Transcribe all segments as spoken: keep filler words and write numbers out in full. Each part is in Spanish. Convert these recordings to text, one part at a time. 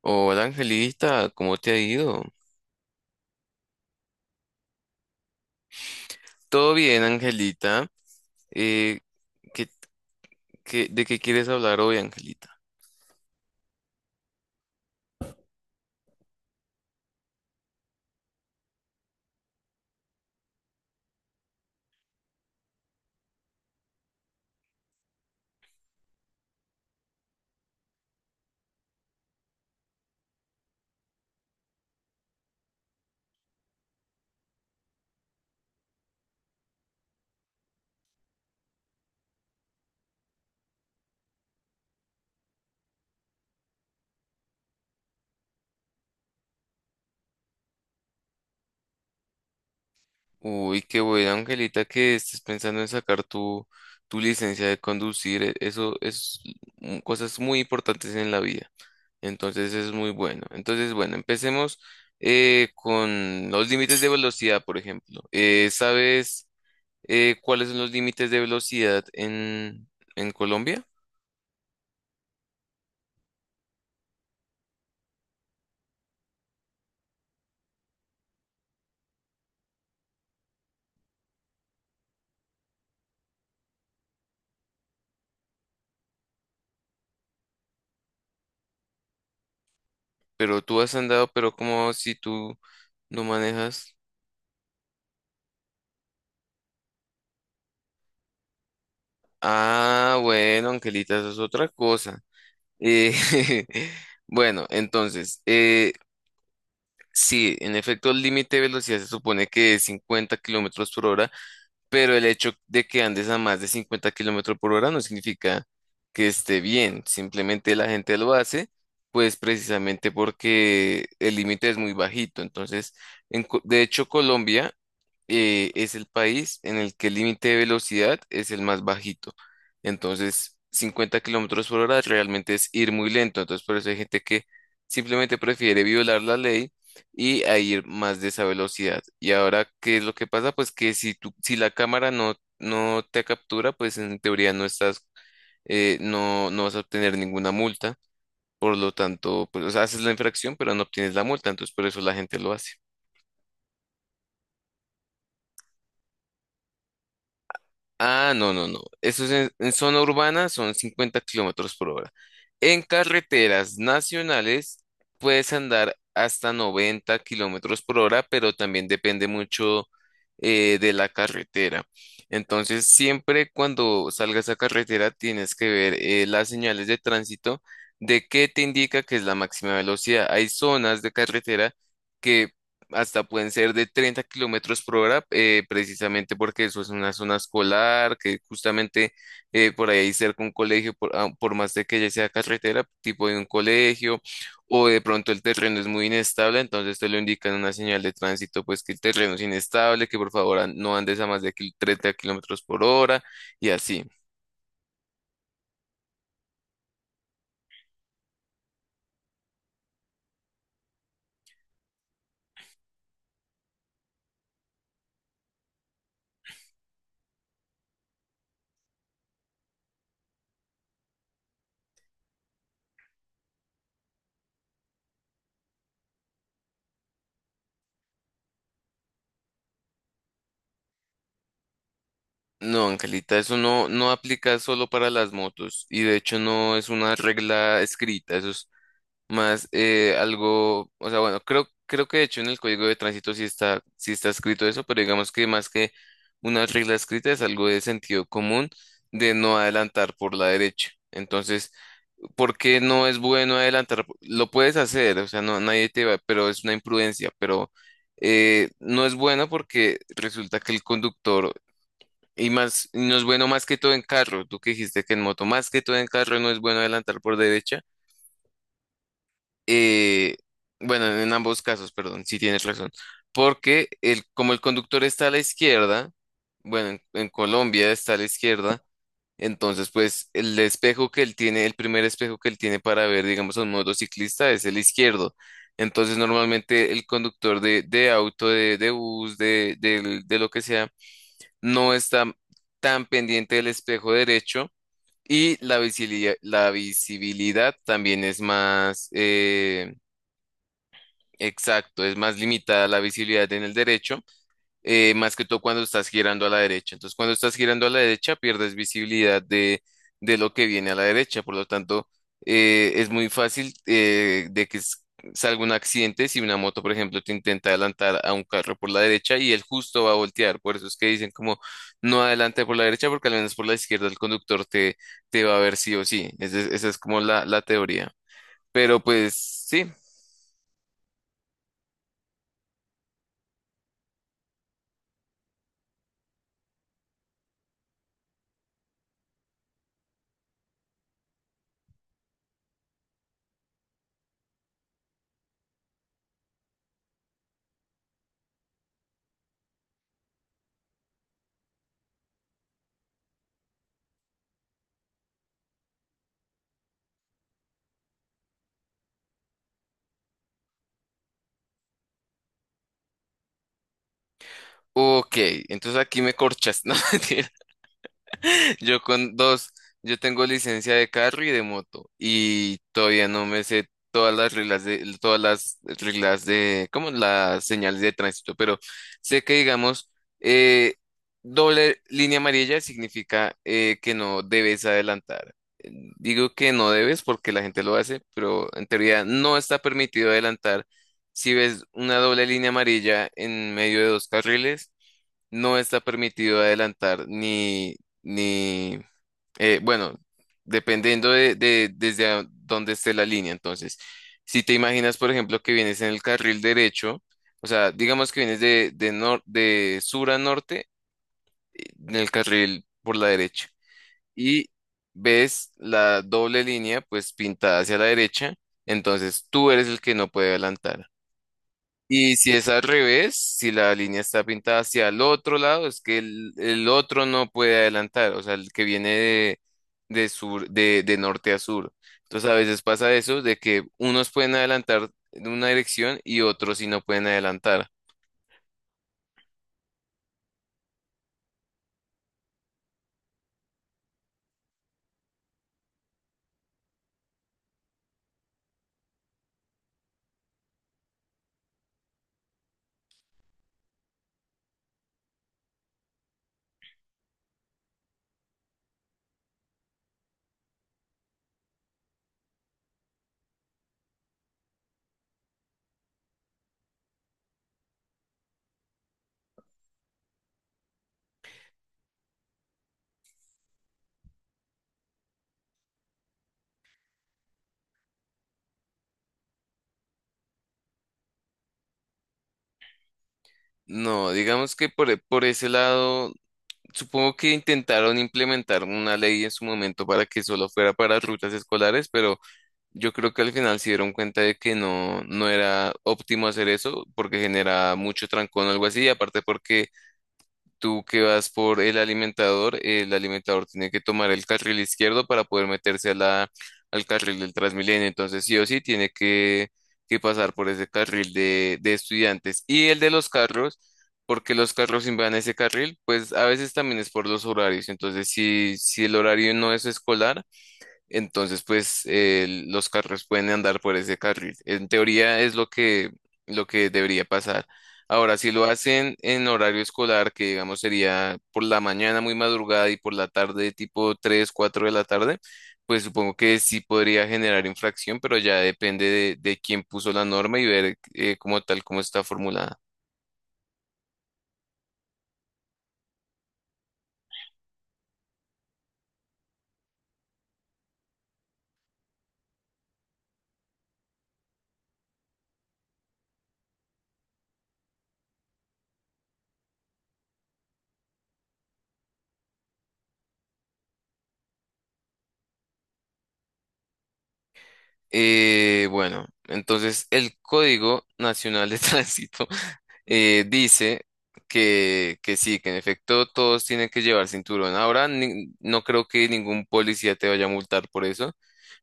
Hola Angelita, ¿cómo te ha ido? Todo bien, Angelita. Eh, ¿qué- qué- de qué quieres hablar hoy, Angelita? Uy, qué bueno, Angelita, que estés pensando en sacar tu, tu licencia de conducir. e- Eso es mm, cosas muy importantes en la vida. Entonces es muy bueno. Entonces, bueno, empecemos eh, con los límites de velocidad, por ejemplo. Eh, ¿sabes eh, cuáles son los límites de velocidad en, en Colombia? Pero tú has andado, pero como si tú ¿no manejas? Ah, bueno, Angelita, eso es otra cosa. Eh, bueno, entonces, eh, sí, en efecto, el límite de velocidad se supone que es cincuenta kilómetros por hora, pero el hecho de que andes a más de cincuenta kilómetros por hora no significa que esté bien, simplemente la gente lo hace, pues precisamente porque el límite es muy bajito. Entonces, en Co- de hecho, Colombia eh, es el país en el que el límite de velocidad es el más bajito. Entonces, cincuenta kilómetros por hora realmente es ir muy lento. Entonces, por eso hay gente que simplemente prefiere violar la ley y a ir más de esa velocidad. Y ahora, ¿qué es lo que pasa? Pues que si tú, si la cámara no, no te captura, pues en teoría no estás, eh, no, no vas a obtener ninguna multa. Por lo tanto, pues, o sea, haces la infracción, pero no obtienes la multa. Entonces, por eso la gente lo hace. Ah, no, no, no. Eso es en, en zona urbana, son cincuenta kilómetros por hora. En carreteras nacionales puedes andar hasta noventa kilómetros por hora, pero también depende mucho eh, de la carretera. Entonces, siempre cuando salgas a carretera tienes que ver eh, las señales de tránsito de qué te indica que es la máxima velocidad. Hay zonas de carretera que hasta pueden ser de treinta kilómetros por hora, eh, precisamente porque eso es una zona escolar, que justamente eh, por ahí hay cerca un colegio, por, ah, por más de que ya sea carretera, tipo de un colegio, o de pronto el terreno es muy inestable, entonces te lo indican en una señal de tránsito, pues que el terreno es inestable, que por favor an- no andes a más de kil- treinta kilómetros por hora, y así. No, Angelita, eso no, no aplica solo para las motos y de hecho no es una regla escrita, eso es más eh, algo, o sea, bueno, creo, creo que de hecho en el código de tránsito sí está, sí está escrito eso, pero digamos que más que una regla escrita es algo de sentido común de no adelantar por la derecha. Entonces, ¿por qué no es bueno adelantar? Lo puedes hacer, o sea, no, nadie te va, pero es una imprudencia, pero eh, no es bueno porque resulta que el conductor, y más, y no es bueno más que todo en carro, tú que dijiste que en moto, más que todo en carro no es bueno adelantar por derecha. eh, bueno, en ambos casos, perdón, sí tienes razón. Porque el, como el conductor está a la izquierda, bueno, en, en Colombia está a la izquierda, entonces pues el espejo que él tiene, el primer espejo que él tiene para ver, digamos, a un motociclista es el izquierdo. Entonces normalmente el conductor de, de auto, de, de bus, de, del- de lo que sea, no está tan pendiente del espejo derecho y la visibilidad, la visibilidad también es más... eh, Exacto, es más limitada la visibilidad en el derecho, eh, más que todo cuando estás girando a la derecha. Entonces, cuando estás girando a la derecha, pierdes visibilidad de, de lo que viene a la derecha. Por lo tanto, eh, es muy fácil eh, de que s- salga un accidente si una moto, por ejemplo, te intenta adelantar a un carro por la derecha y él justo va a voltear. Por eso es que dicen como no adelante por la derecha, porque al menos por la izquierda el conductor te, te va a ver sí o sí. Ese- Esa es como la, la teoría. Pero pues sí. Ok, entonces aquí me corchas, ¿no? Yo con dos, yo tengo licencia de carro y de moto y todavía no me sé todas las reglas de todas las reglas de como las señales de tránsito, pero sé que digamos eh, doble línea amarilla significa eh, que no debes adelantar. Digo que no debes porque la gente lo hace, pero en teoría no está permitido adelantar. Si ves una doble línea amarilla en medio de dos carriles, no está permitido adelantar ni ni, eh, bueno, dependiendo de, de- desde a- dónde esté la línea. Entonces, si te imaginas, por ejemplo, que vienes en el carril derecho, o sea, digamos que vienes de, de, nor- de sur a norte, eh, en el carril por la derecha, y ves la doble línea, pues pintada hacia la derecha, entonces tú eres el que no puede adelantar. Y si es al revés, si la línea está pintada hacia el otro lado, es que el, el otro no puede adelantar, o sea, el que viene de, de sur, de, de norte a sur. Entonces a veces pasa eso, de que unos pueden adelantar en una dirección y otros sí no pueden adelantar. No, digamos que por, e- por ese lado, supongo que intentaron implementar una ley en su momento para que solo fuera para rutas escolares, pero yo creo que al final se dieron cuenta de que no, no era óptimo hacer eso porque genera mucho trancón o algo así. Y aparte porque tú que vas por el alimentador, el alimentador tiene que tomar el carril izquierdo para poder meterse a la, al carril del Transmilenio. Entonces sí o sí tiene que, que pasar por ese carril de, de estudiantes. Y el de los carros, porque los carros invaden ese carril, pues a veces también es por los horarios. Entonces si, si el horario no es escolar entonces, pues eh, los carros pueden andar por ese carril. En teoría es lo que, lo que debería pasar. Ahora, si lo hacen en horario escolar, que digamos sería por la mañana muy madrugada y por la tarde tipo tres, cuatro de la tarde, pues supongo que sí podría generar infracción, pero ya depende de, de quién puso la norma y ver eh, como tal cómo está formulada. Eh, bueno, entonces el Código Nacional de Tránsito eh, dice que, que sí, que en efecto todos tienen que llevar cinturón. Ahora ni- no creo que ningún policía te vaya a multar por eso,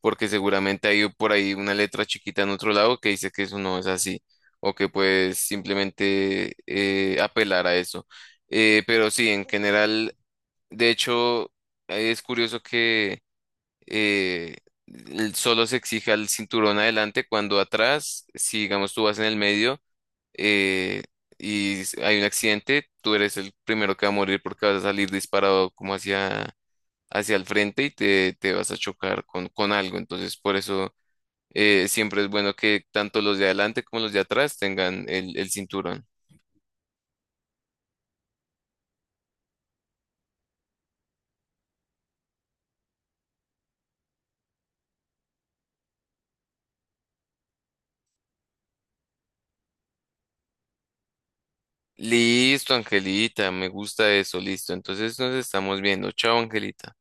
porque seguramente hay por ahí una letra chiquita en otro lado que dice que eso no es así, o que puedes simplemente eh, apelar a eso. Eh, pero sí, en general, de hecho, eh, es curioso eh, el- solo se exija el cinturón adelante cuando atrás, si digamos tú vas en el medio eh, y s- hay un accidente, tú eres el primero que va a morir porque vas a salir disparado como hacia, hacia el frente y te, te vas a chocar con, con algo. Entonces, por eso eh, siempre es bueno que tanto los de adelante como los de atrás tengan el, el cinturón. Listo, Angelita, me gusta eso, listo. Entonces nos estamos viendo. Chao, Angelita.